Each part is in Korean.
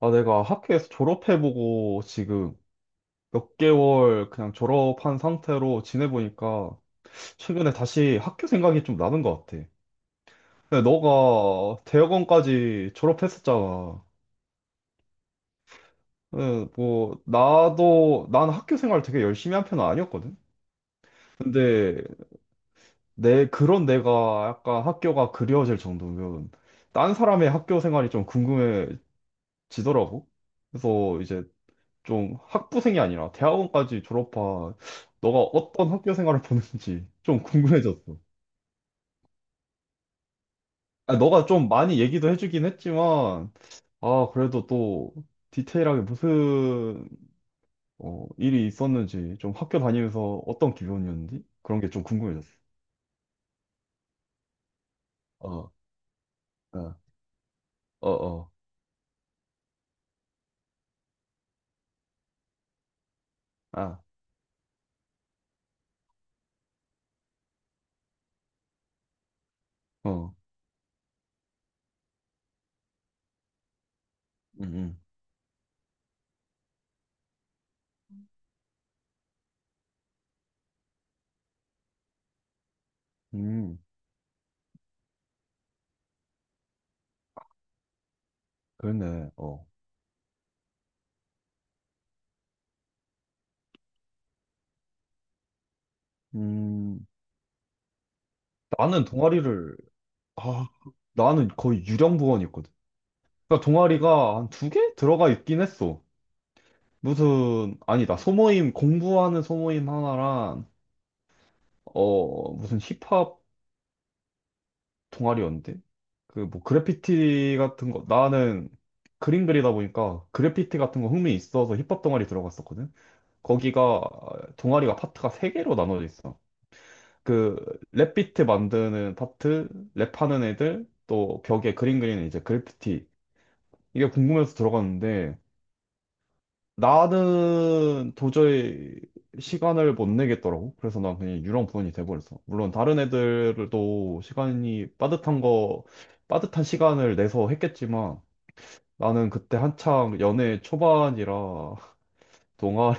아, 내가 학교에서 졸업해보고 지금 몇 개월 그냥 졸업한 상태로 지내보니까 최근에 다시 학교 생각이 좀 나는 것 같아. 근데 너가 대학원까지 졸업했었잖아. 응, 뭐, 난 학교 생활 되게 열심히 한 편은 아니었거든? 근데 그런 내가 약간 학교가 그리워질 정도면 딴 사람의 학교 생활이 좀 궁금해지더라고. 그래서 이제 좀 학부생이 아니라 대학원까지 졸업한 너가 어떤 학교 생활을 보는지 좀 궁금해졌어. 아, 너가 좀 많이 얘기도 해주긴 했지만, 아, 그래도 또 디테일하게 무슨 어, 일이 있었는지, 좀 학교 다니면서 어떤 기분이었는지 그런 게 좀 궁금해졌어. 어, 어, 어, 어, 아, 어, 음, 음, 음, 그랬네. 어, 음, 나는 동아리를, 아, 나는 거의 유령 부원이었거든. 그러니까 동아리가 한 두 개 들어가 있긴 했어. 무슨, 아니다. 소모임, 공부하는 소모임 하나랑, 어, 무슨 힙합 동아리였는데? 그, 뭐, 그래피티 같은 거, 나는 그림 그리다 보니까 그래피티 같은 거 흥미 있어서 힙합 동아리 들어갔었거든? 거기가, 동아리가 파트가 세개로 나눠져 있어. 그, 랩비트 만드는 파트, 랩하는 애들, 또 벽에 그림 그리는 이제 그래피티. 이게 궁금해서 들어갔는데, 나는 도저히 시간을 못 내겠더라고. 그래서 난 그냥 유령분이 돼버렸어. 물론 다른 애들도 시간이 빠듯한 거, 빠듯한 시간을 내서 했겠지만 나는 그때 한창 연애 초반이라 동아리,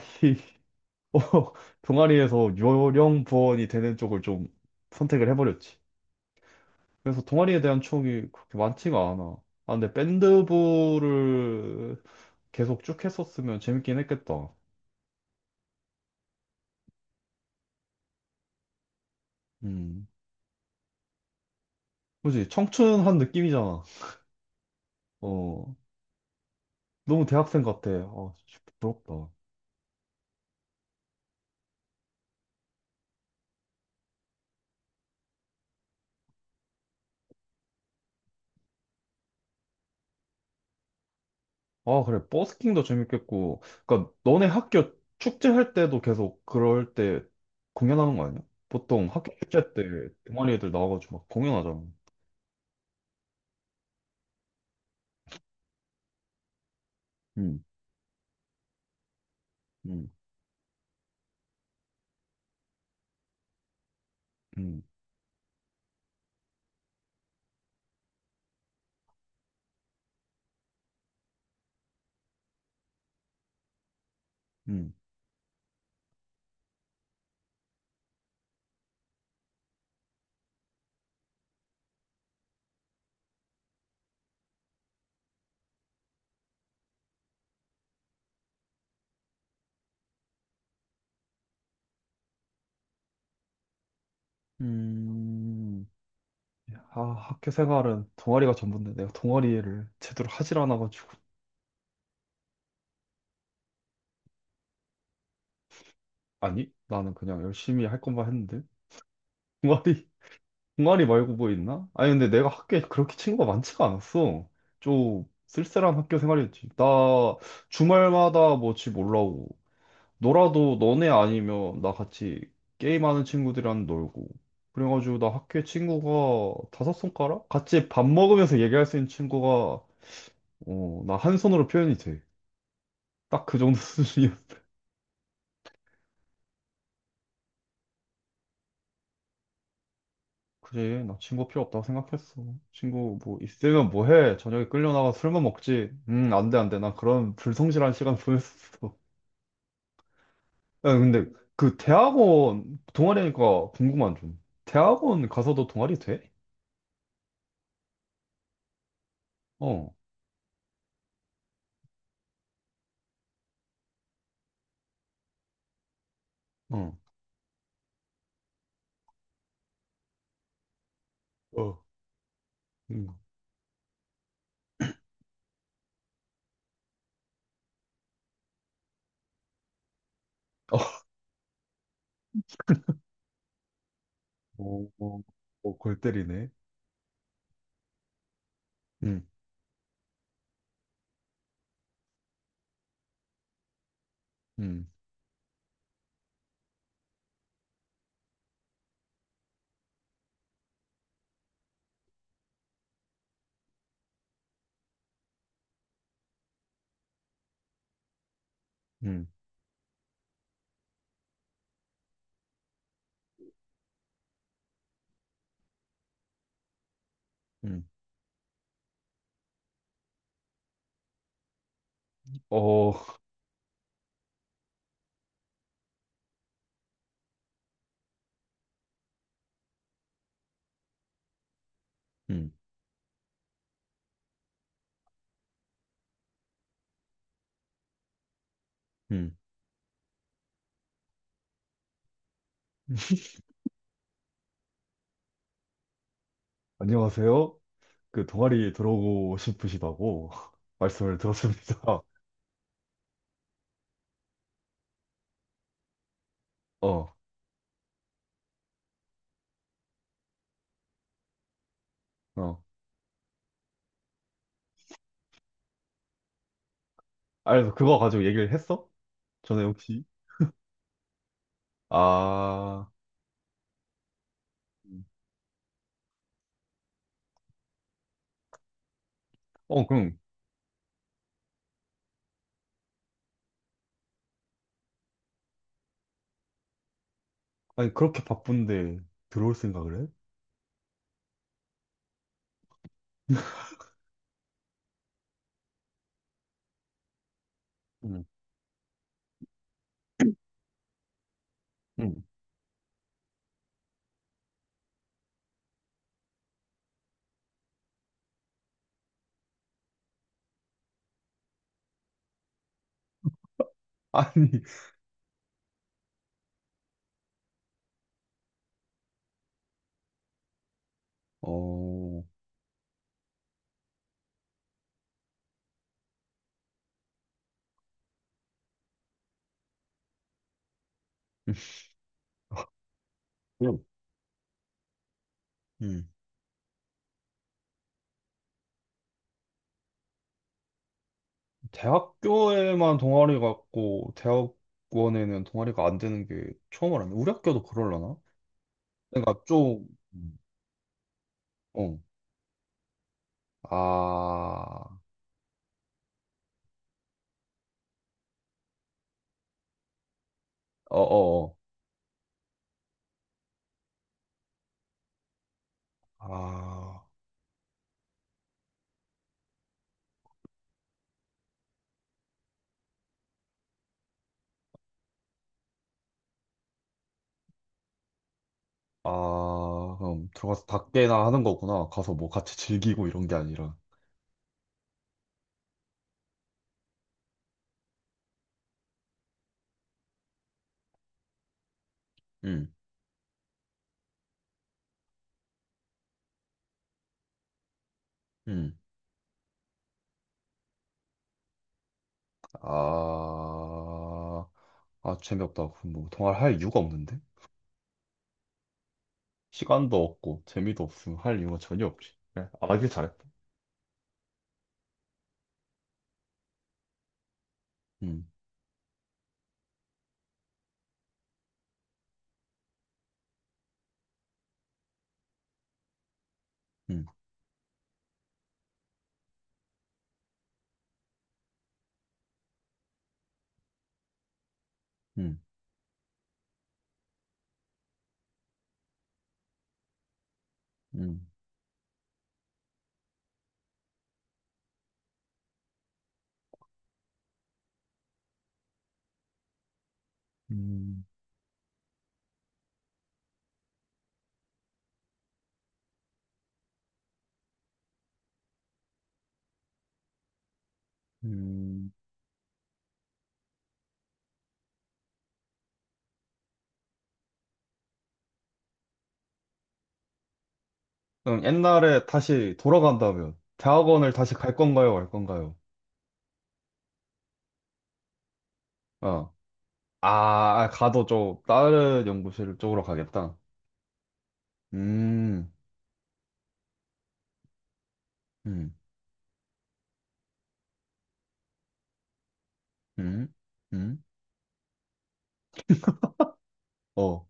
어, 동아리에서 유령부원이 되는 쪽을 좀 선택을 해버렸지. 그래서 동아리에 대한 추억이 그렇게 많지가 않아. 아, 근데 밴드부를 계속 쭉 했었으면 재밌긴 했겠다. 음. 그지? 청춘한 느낌이잖아. 어, 너무 대학생 같아. 아, 진짜 부럽다. 아, 그래. 버스킹도 재밌겠고. 그니까, 너네 학교 축제할 때도 계속 그럴 때 공연하는 거 아니야? 보통 학교 축제 때 동아리 애들 나와가지고 막 공연하잖아. 응, 응, 응, 응. 음, 아, 학교 생활은 동아리가 전부인데 내가 동아리를 제대로 하질 않아가지고. 아니, 나는 그냥 열심히 할 것만 했는데. 동아리 동아리 말고 뭐 있나? 아니, 근데 내가 학교에 그렇게 친구가 많지가 않았어. 좀 쓸쓸한 학교 생활이었지. 나 주말마다 뭐 집 올라오고, 놀아도 너네 아니면 나 같이 게임하는 친구들이랑 놀고. 그래가지고 나 학교에 친구가 다섯 손가락? 같이 밥 먹으면서 얘기할 수 있는 친구가, 어, 나 한 손으로 표현이 돼. 딱 그 정도 수준이야. 그래, 나 친구 필요 없다고 생각했어. 친구 뭐 있으면 뭐 해? 저녁에 끌려 나가 술만 먹지. 안 돼, 안 돼. 나 그런 불성실한 시간 보냈었어. 야, 근데 그 대학원 동아리니까 궁금한 좀. 대학원 가서도 동아리 돼? 어, 어, 어, 음. 어, 어, 어, 어, 골 때리네. 음, 음, 음, 음. 어, 음, 음. 안녕하세요. 그 동아리 들어오고 싶으시다고 말씀을 들었습니다. 어, 어. 아, 그래서 그거 가지고 얘기를 했어? 전에 혹시? 아, 음. 어, 그럼, 아니, 그렇게 바쁜데 들어올 생각을 해? 음, 음. 아니, 어, 그냥 음. 대학교에만 동아리 같고, 대학원에는 동아리가 안 되는 게 처음 알았네. 우리 학교도 그럴라나? 그러니까 좀, 음. 어, 아, 어어어. 아, 아, 그럼 들어가서 닭게나 하는 거구나. 가서 뭐 같이 즐기고 이런 게 아니라. 음, 음. 아, 아, 재미없다. 그럼 뭐, 통화를 할 이유가 없는데? 시간도 없고, 재미도 없으면 할 이유가 전혀 없지. 그래, 아, 이게 잘했다. 음, 음, 음, 음, 음, 음. 그럼 옛날에 다시 돌아간다면, 대학원을 다시 갈 건가요, 말 건가요? 어. 아, 아, 가도 좀, 다른 연구실 쪽으로 가겠다. 음, 음, 음, 음, 어,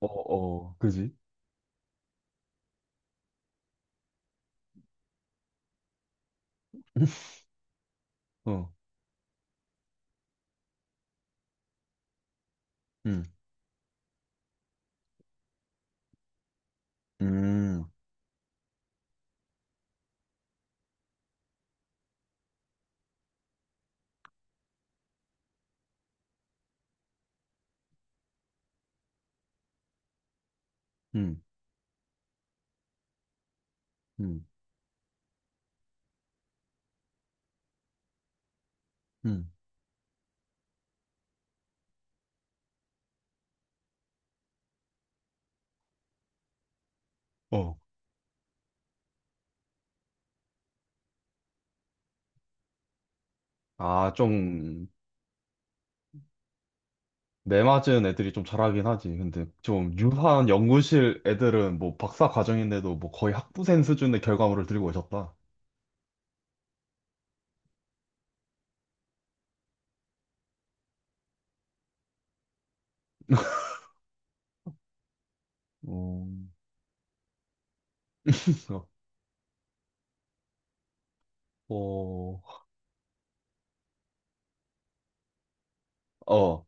어, 어, 그지? 어, 음, 음, 음, 음. 음. 어. 아, 좀, 매 맞은 애들이 좀 잘하긴 하지. 근데 좀 유한 연구실 애들은 뭐 박사 과정인데도 뭐 거의 학부생 수준의 결과물을 들고 오셨다. 어 어, 어,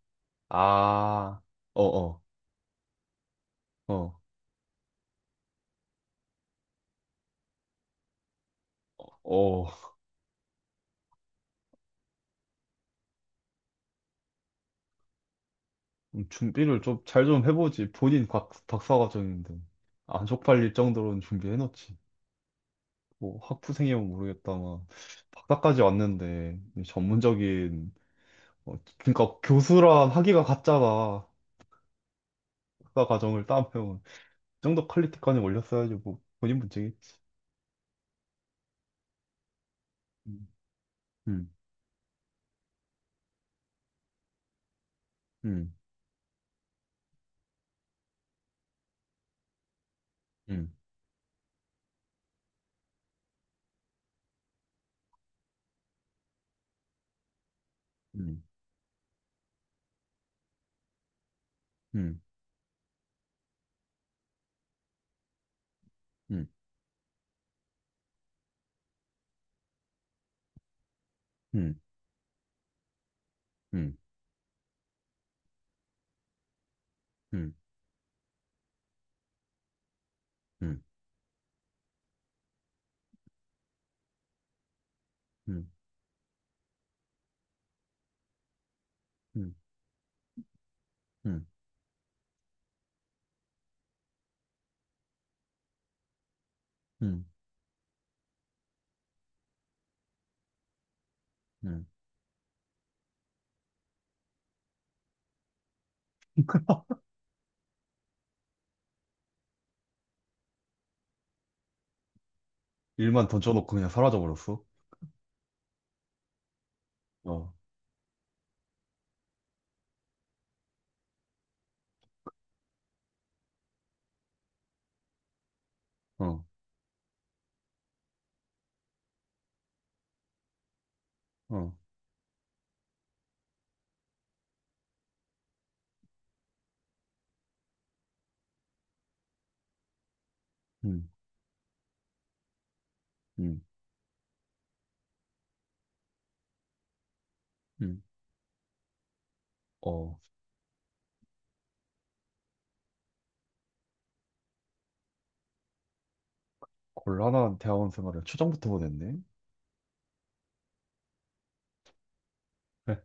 아, 어, 어, 어, 어, 준비를 좀 잘 좀 해보지. 본인 박 박사 과정인데. 안 쪽팔릴 정도로는 준비해놓지. 뭐 학부생이면 모르겠다만 박사까지 왔는데 이 전문적인 어, 그러니까 교수랑 학위가 같잖아. 학사 과정을 따면 그 정도 퀄리티까지 올렸어야지 뭐 본인 문제겠지. 음, 음, 음, 음, 음, 음, 음, 음, 음, 음, 음, 음, 음, 음, 음, 음. 일만 던져놓고 그냥 사라져버렸어. 어, 어, 어, 음, 음, 음. 어, 곤란한 대학원 생활을 초장부터 보냈네. 네.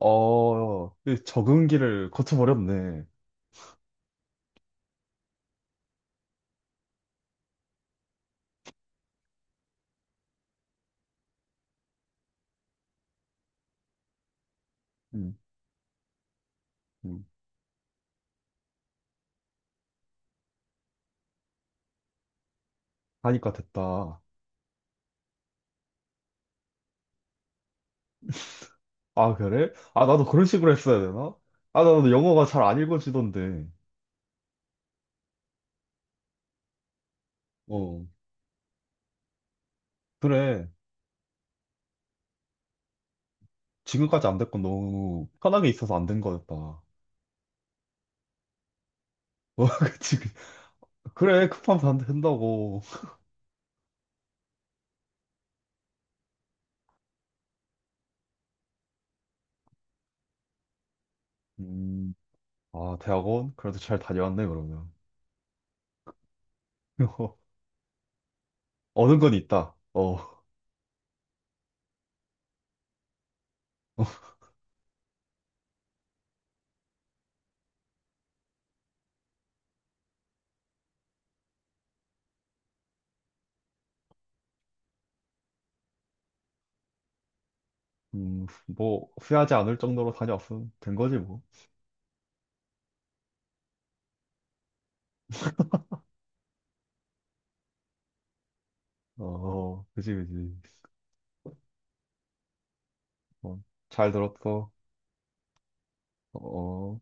어, 이 적응기를 거쳐버렸네. 음, 음. 하니까 됐다. 아, 그래? 아, 나도 그런 식으로 했어야 되나? 아, 나도 영어가 잘 안 읽어지던데. 어, 그래. 지금까지 안 될 건 너무 편하게 있어서 안된 거였다. 어, 그치. 그래, 급하면 안 된다고. 음, 아, 대학원? 그래도 잘 다녀왔네, 그러면. 얻은 건 있다. 어, 뭐, 후회하지 않을 정도로 다녀왔으면 된 거지, 뭐. 어, 그지, 그지. 어, 잘 들었어. 어.